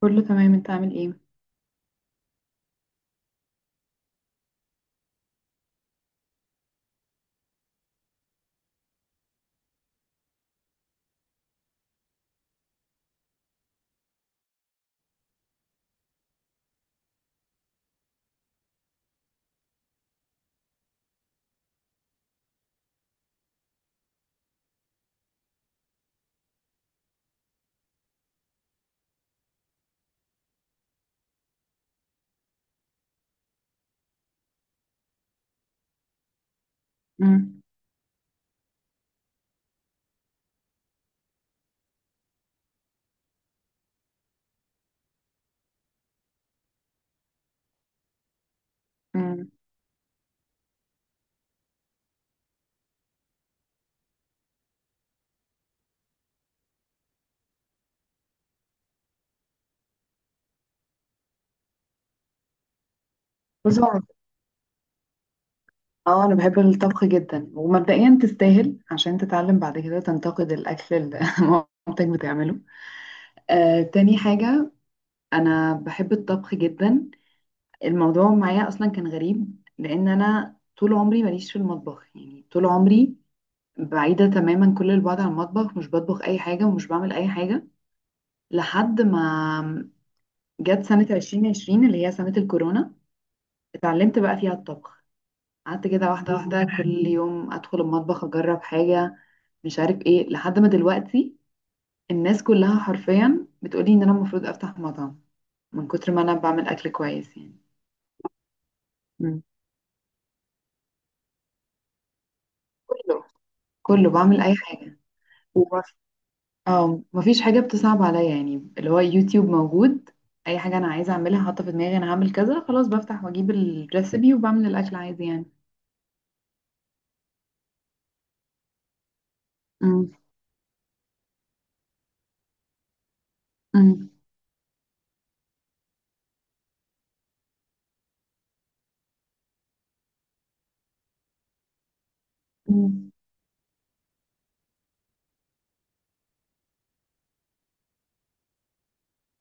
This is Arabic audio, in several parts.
كله تمام، انت عامل ايه؟ امم. امم. بص، اه، انا بحب الطبخ جدا، ومبدئيا تستاهل عشان تتعلم بعد كده تنتقد الاكل اللي مامتك بتعمله. تاني حاجة، انا بحب الطبخ جدا. الموضوع معايا اصلا كان غريب لان انا طول عمري ماليش في المطبخ، يعني طول عمري بعيدة تماما كل البعد عن المطبخ، مش بطبخ اي حاجة ومش بعمل اي حاجة لحد ما جت سنة 2020 اللي هي سنة الكورونا، اتعلمت بقى فيها الطبخ. قعدت كده واحدة واحدة، كل يوم أدخل المطبخ أجرب حاجة مش عارف إيه، لحد ما دلوقتي الناس كلها حرفيا بتقولي إن أنا المفروض أفتح مطعم، من كتر ما أنا بعمل أكل كويس يعني. مم. كله. كله بعمل أي حاجة. وبس، اه مفيش حاجة بتصعب عليا، يعني اللي هو يوتيوب موجود، أي حاجة أنا عايزة أعملها حاطة في دماغي أنا هعمل كذا، خلاص بفتح وأجيب الريسبي وبعمل الأكل عادي يعني. مم. مم. مم.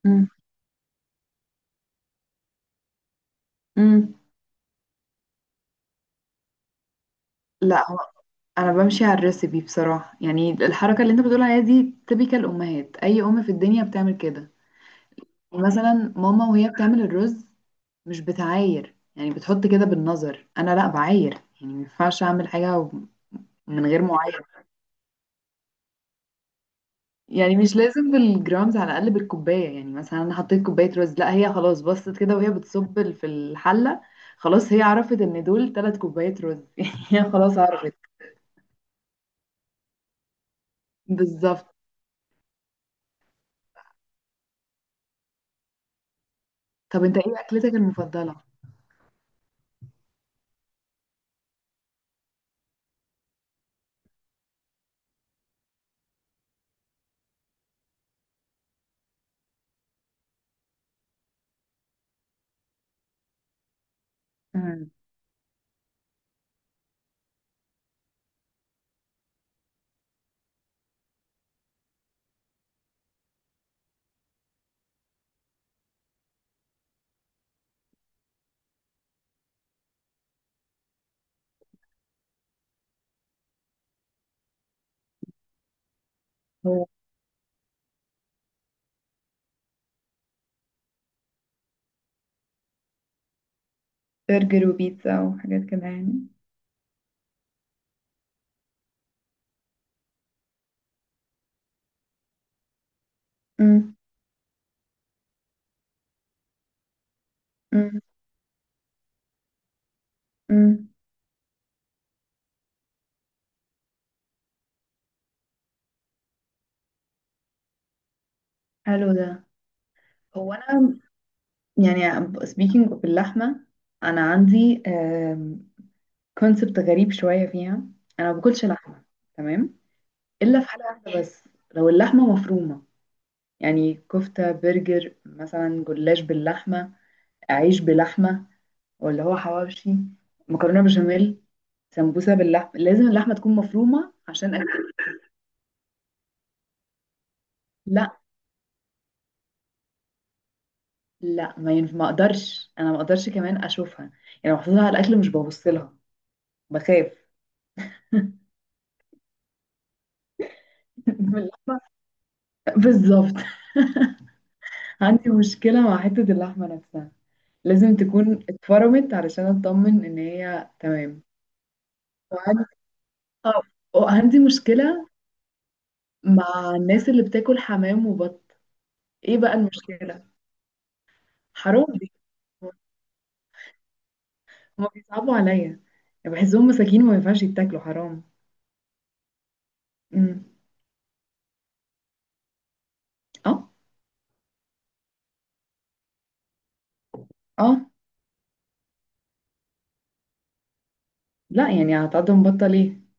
مم. مم. لا، انا بمشي على الريسبي بصراحه، يعني الحركه اللي انت بتقول عليها دي تبيكال امهات، اي ام في الدنيا بتعمل كده. مثلا ماما وهي بتعمل الرز مش بتعاير، يعني بتحط كده بالنظر، انا لا بعاير، يعني ما ينفعش اعمل حاجه من غير معايره. يعني مش لازم بالجرامز، على الاقل بالكوبايه، يعني مثلا انا حطيت كوبايه رز، لا، هي خلاص بصت كده وهي بتصب في الحله، خلاص هي عرفت ان دول ثلاث كوبايات رز يعني هي خلاص عرفت. بالظبط. طب انت ايه اكلتك المفضله؟ مم. برجر وبيتزا وحاجات كده يعني. امم. امم. امم. حلو ده. هو انا يعني speaking of اللحمه، انا عندي كونسبت غريب شويه فيها. انا ما باكلش لحمه، تمام، الا في حاله واحده بس، لو اللحمه مفرومه، يعني كفته، برجر مثلا، جلاش باللحمه، عيش بلحمه، ولا هو حواوشي، مكرونه بشاميل، سمبوسه باللحمه، لازم اللحمه تكون مفرومه عشان اكل. لا. لا، ما ينفع، ما اقدرش، انا ما اقدرش كمان اشوفها، يعني لو حطيتها على الاكل مش ببص لها، بخاف من اللحمه. بالظبط. عندي مشكله مع حته اللحمه نفسها، لازم تكون اتفرمت علشان اطمن ان هي تمام. وعندي آه، وعندي مشكله مع الناس اللي بتاكل حمام وبط. ايه بقى المشكله؟ حرام دي، هما بيصعبوا عليا، يعني بحسهم مساكين وما ينفعش يتاكلوا، حرام. امم. اه. اه. لا، يعني هتقعد مبطل ايه؟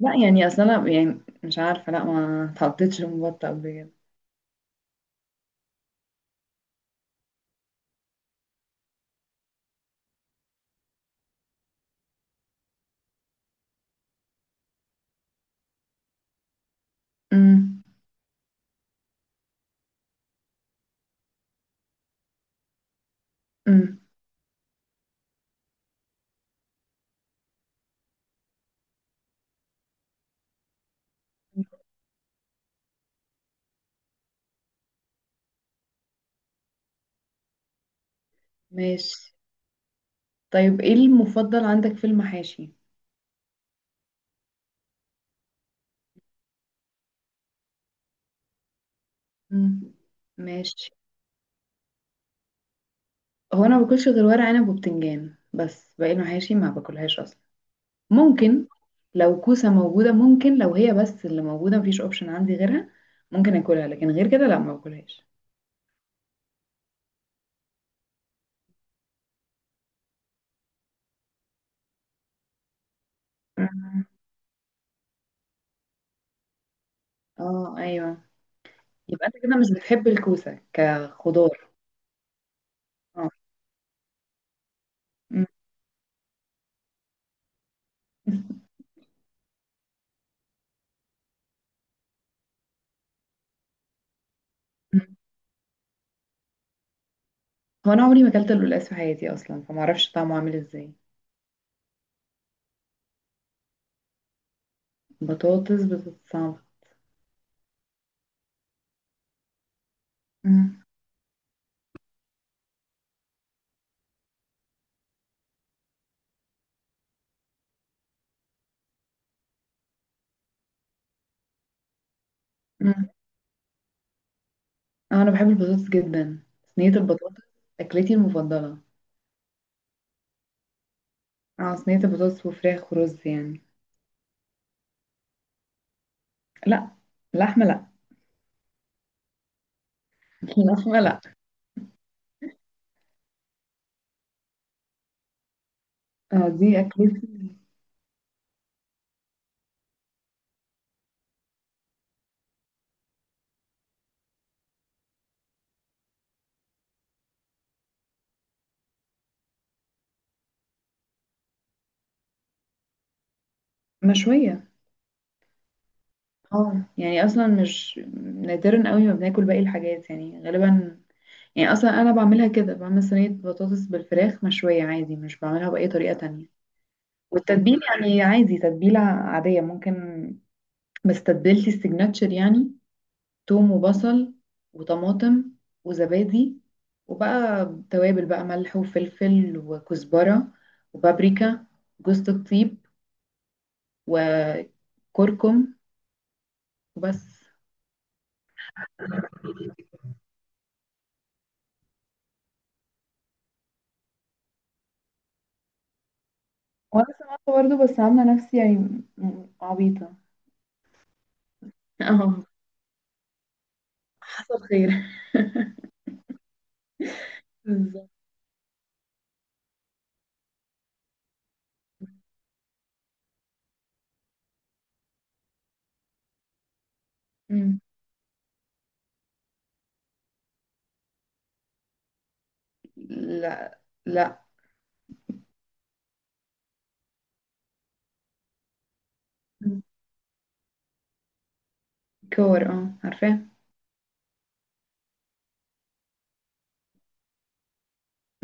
لا، يعني اصل انا يعني مش عارفه، لا، ما اتحطيتش في مبطه قبل كده. امم. امم. ماشي. طيب ايه المفضل عندك في المحاشي؟ امم. ماشي. هو انا ما باكلش غير ورق عنب وبتنجان، بس باقي المحاشي ما باكلهاش اصلا. ممكن، لو كوسه موجوده، ممكن لو هي بس اللي موجوده مفيش اوبشن عندي غيرها ممكن اكلها، لكن غير كده لا ما باكلهاش. أمم. اه ايوه، يبقى انت كده مش بتحب الكوسه كخضار. اه. أمم. هو انا عمري ما اكلت اللولاس في حياتي اصلا، فما اعرفش طعمه عامل ازاي. بطاطس؟ بطاطس صعبه. مم. مم. اه انا بحب البطاطس جدا. صينيه البطاطس اكلتي المفضله. اه، صينيه البطاطس وفراخ ورز يعني. لا، لحمه لا. لحمه لا. آه دي اكلتي. مشويه. اه، يعني اصلا مش، نادرا قوي ما بناكل باقي الحاجات، يعني غالبا، يعني اصلا انا بعملها كده، بعمل صينيه بطاطس بالفراخ مشويه عادي، مش بعملها باي طريقه تانية. والتتبيل يعني عادي، تتبيلة عادية ممكن، ما استبدلتي السيجناتشر يعني، توم وبصل وطماطم وزبادي، وبقى توابل، بقى ملح وفلفل وكزبرة وبابريكا، جوز الطيب وكركم وبس. وانا سمعت برضه، بس عامله نفسي يعني عبيطه. اه، حصل خير. بالظبط. مم. لا. لا. مم. كور، اه عارفاه.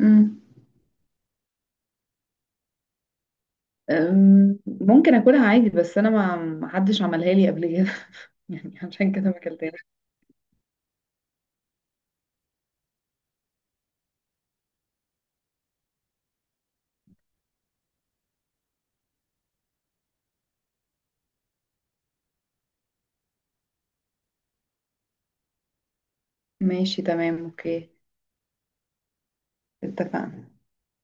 أمم. ممكن اكلها عادي، بس انا ما حدش عملها لي قبل كده، يعني عشان كده ما اكلتهاش. ماشي تمام اوكي. اتفقنا.